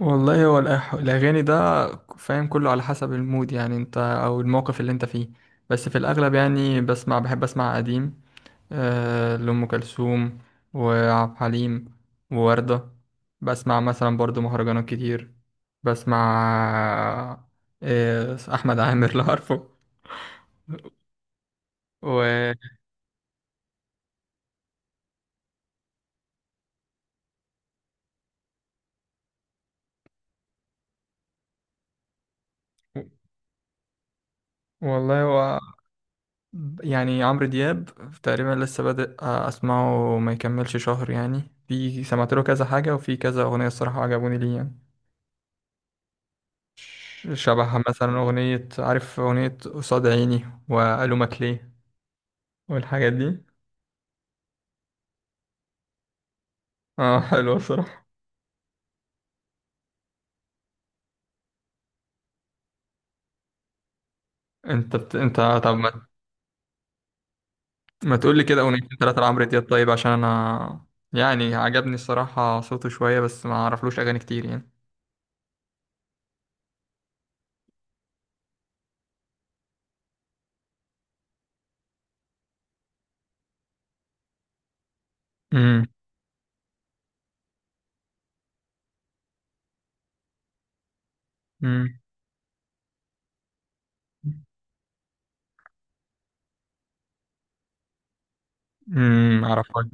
والله هو الأغاني ده فاهم، كله على حسب المود، يعني أنت أو الموقف اللي أنت فيه. بس في الأغلب يعني بسمع، بحب أسمع قديم. آه، لأم كلثوم وعبد الحليم ووردة. بسمع مثلا برضو مهرجانات كتير. بسمع آه، أحمد عامر لو عارفه. و... والله هو يعني عمرو دياب تقريبا لسه بادئ اسمعه، ما يكملش شهر يعني. في سمعت له كذا حاجه، وفي كذا اغنيه الصراحه عجبوني ليه يعني. شبه مثلا اغنيه، عارف اغنيه قصاد عيني والومك ليه والحاجات دي. اه، حلوه الصراحه. انت طب ما تقول لي كده اغنيتين ثلاثه لعمرو دياب طيب، عشان انا يعني عجبني الصراحه صوته شويه، بس ما اعرفلوش اغاني كتير يعني. امم. امم. ما اعرفهاش.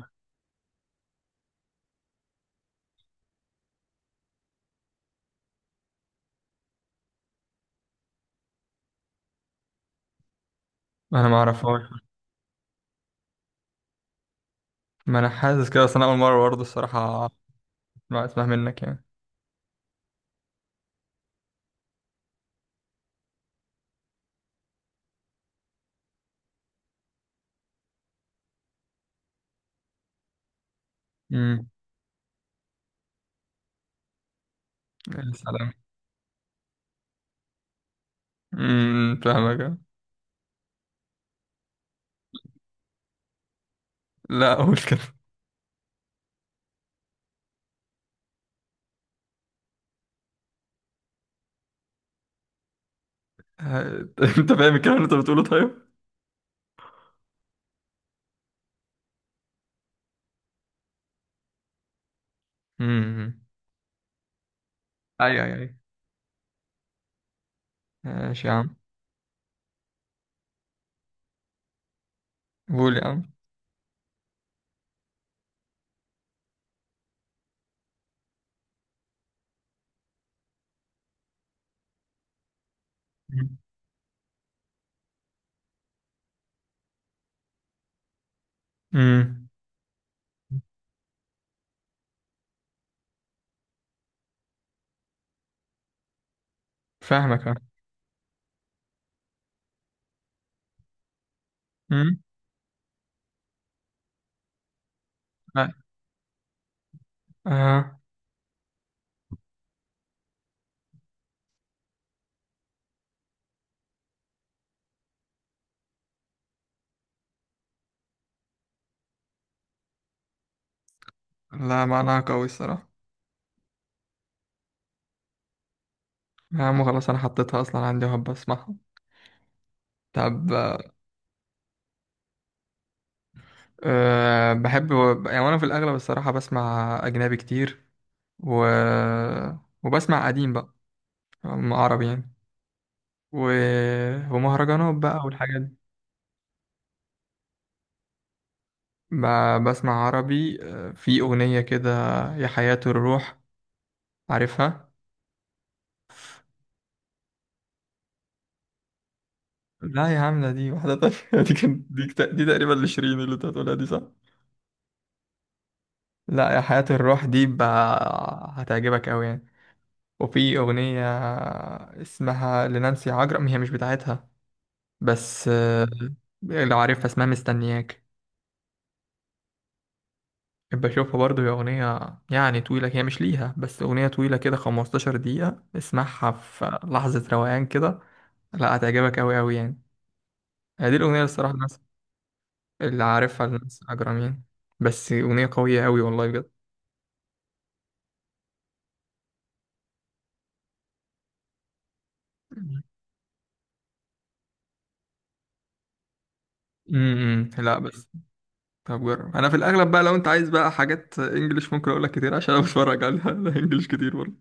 انا ما اعرفهاش. ما انا حاسس كده، بس انا اول مره برضه الصراحه لا اسمع منك يعني. امم. يا سلام. امم، فاهمك آه. لا اقول كده. آه، انت فاهم الكلام اللي انت بتقوله طيب؟ امم. ايوه ايوه ايوه، ماشي يا عم. قول يا عم. امم، فاهمك اه. امم. لا. آه. لا، معناها قوي الصراحه. يا عم خلاص، انا حطيتها اصلا عندي وهبقى اسمعها. طب أه. أه، بحب يعني. وانا في الاغلب الصراحه بسمع اجنبي كتير، و وبسمع قديم بقى، عربي يعني. و... ومهرجانات بقى والحاجات دي. بسمع عربي آه، في أغنية كده، يا حياة الروح، عارفها؟ لا يا عم، ده دي واحدة تانية دي كان دي تقريبا لشيرين اللي انت هتقولها دي صح؟ لا، يا حياة الروح دي بقى هتعجبك أوي يعني. وفي أغنية آه، اسمها لنانسي عجرم، هي مش بتاعتها بس آه، لو عارفها اسمها مستنياك. بحب اشوفها برضه، هي اغنيه يعني طويله، هي مش ليها بس اغنيه طويله كده، 15 دقيقه، اسمعها في لحظه روقان كده. لا، هتعجبك قوي قوي يعني. هي دي الاغنيه اللي الصراحه الناس اللي عارفها الناس اجرامين. بس اغنيه قويه قوي والله بجد. امم. لا بس طب جرب. انا في الاغلب بقى لو انت عايز بقى حاجات انجليش ممكن اقول لك كتير، عشان انا بتفرج على انجليش كتير برضه.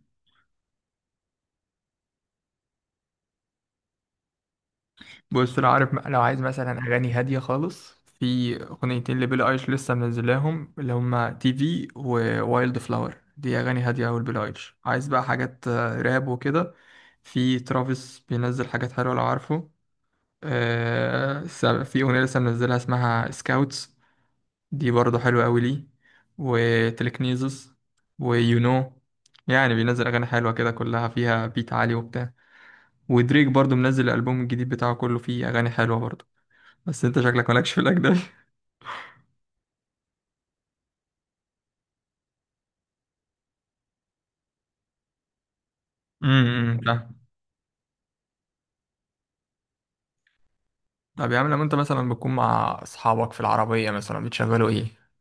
بص لو عارف، لو عايز مثلا اغاني هاديه خالص، في اغنيتين لبيلي ايليش لسه منزلاهم، اللي هما تي في ووايلد فلاور، دي اغاني هاديه اوي لبيلي ايليش. عايز بقى حاجات آه، راب وكده، في ترافيس بينزل حاجات حلوه لو عارفه. آه، في اغنيه لسه منزلها اسمها سكاوتس، دي برضه حلوه اوي ليه. وتلكنيزس، ويو نو، يعني بينزل اغاني حلوه كده كلها فيها بيت عالي وبتاع. ودريك برضه منزل الالبوم الجديد بتاعه كله فيه اغاني حلوه برضه. بس انت شكلك مالكش في الاجنبي. امم، فاهم. طب يا عم، لما انت مثلا بتكون مع اصحابك في العربية مثلا بتشغلوا ايه؟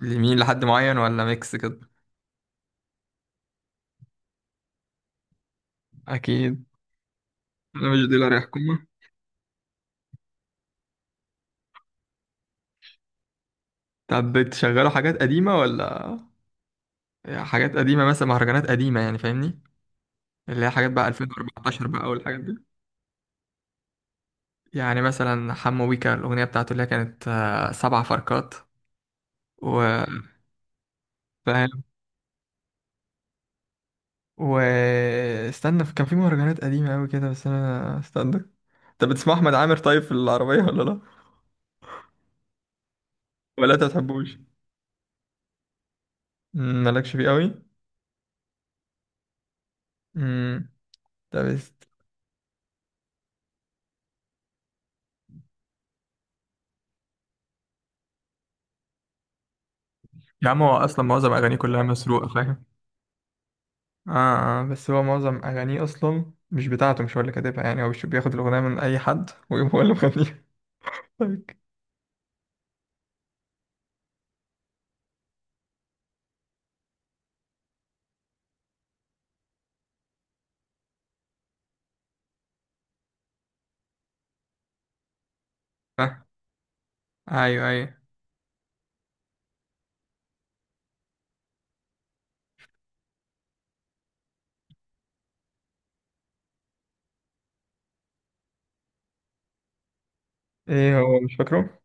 لمين، لحد معين ولا ميكس كده؟ اكيد. انا مش دي اللي هريحكم. طب بتشغلوا حاجات قديمة ولا؟ حاجات قديمة مثلا، مهرجانات قديمة يعني فاهمني، اللي هي حاجات بقى 2014 بقى والحاجات دي. يعني مثلا حمو بيكا، الأغنية بتاعته اللي هي كانت آه، سبع فركات، وفاهم. واستنى، كان في مهرجانات قديمة أوي كده، بس أنا استنى. أنت بتسمع أحمد عامر طيب في العربية ولا لأ؟ ولا أنت بتحبوش؟ مم، مالكش فيه أوي؟ مم، طب است- يا عم هو اصلا معظم اغانيه كلها مسروقه فاهم. آه. آه بس هو معظم أغانيه أصلا مش بتاعته، مش هو اللي كاتبها يعني، هو مش بياخد الأغنية من أي حد ويقوم هو اللي مغنيها؟ طيب. آه. ايوه ايوه. إيه هو مش فاكره؟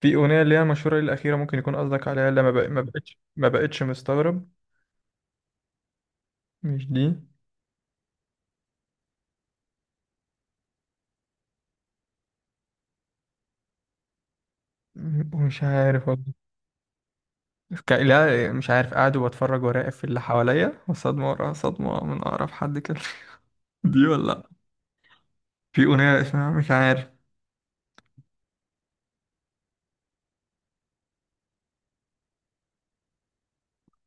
في أغنية اللي هي مشهورة الأخيرة ممكن يكون قصدك عليها، اللي ما بقتش مستغرب. مش دي. مش عارف والله. لا مش عارف، قاعد وبتفرج وراقب في اللي حواليا وصدمة ورا صدمة من أقرب حد كده، دي ولا في أغنية اسمها مش عارف.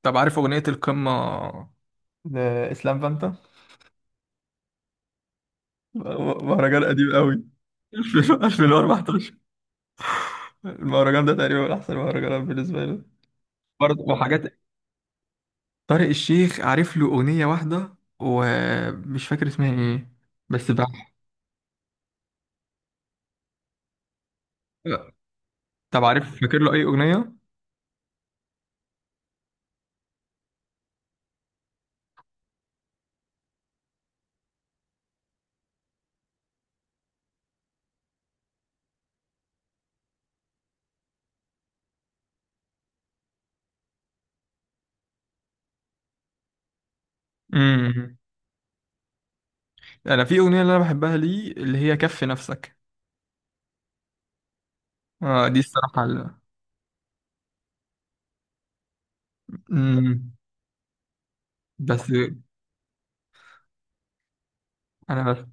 طب عارف أغنية القمة لإسلام فانتا؟ مهرجان قديم قوي 2014. المهرجان ده تقريبا من أحسن المهرجانات بالنسبة لي. برضه وحاجات. طارق الشيخ عارف له أغنية واحدة ومش فاكر اسمها إيه، بس بقى. طب عارف فاكر له أي أغنية؟ مم. انا في اغنيه اللي انا بحبها ليه اللي هي كف نفسك. آه دي الصراحه مم. بس بس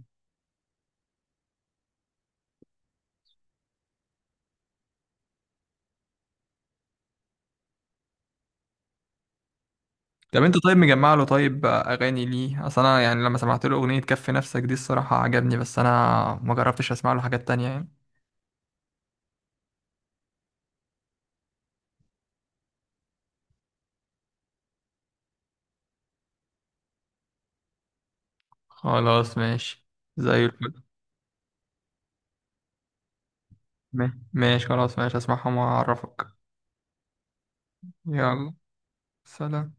طب انت طيب مجمع له طيب اغاني ليه؟ اصل انا يعني لما سمعت له اغنيه كف نفسك دي الصراحه عجبني، بس انا ما جربتش اسمع له حاجات تانية يعني. خلاص ماشي، زي الفل. ماشي خلاص، ماشي اسمعهم واعرفك. يلا، سلام.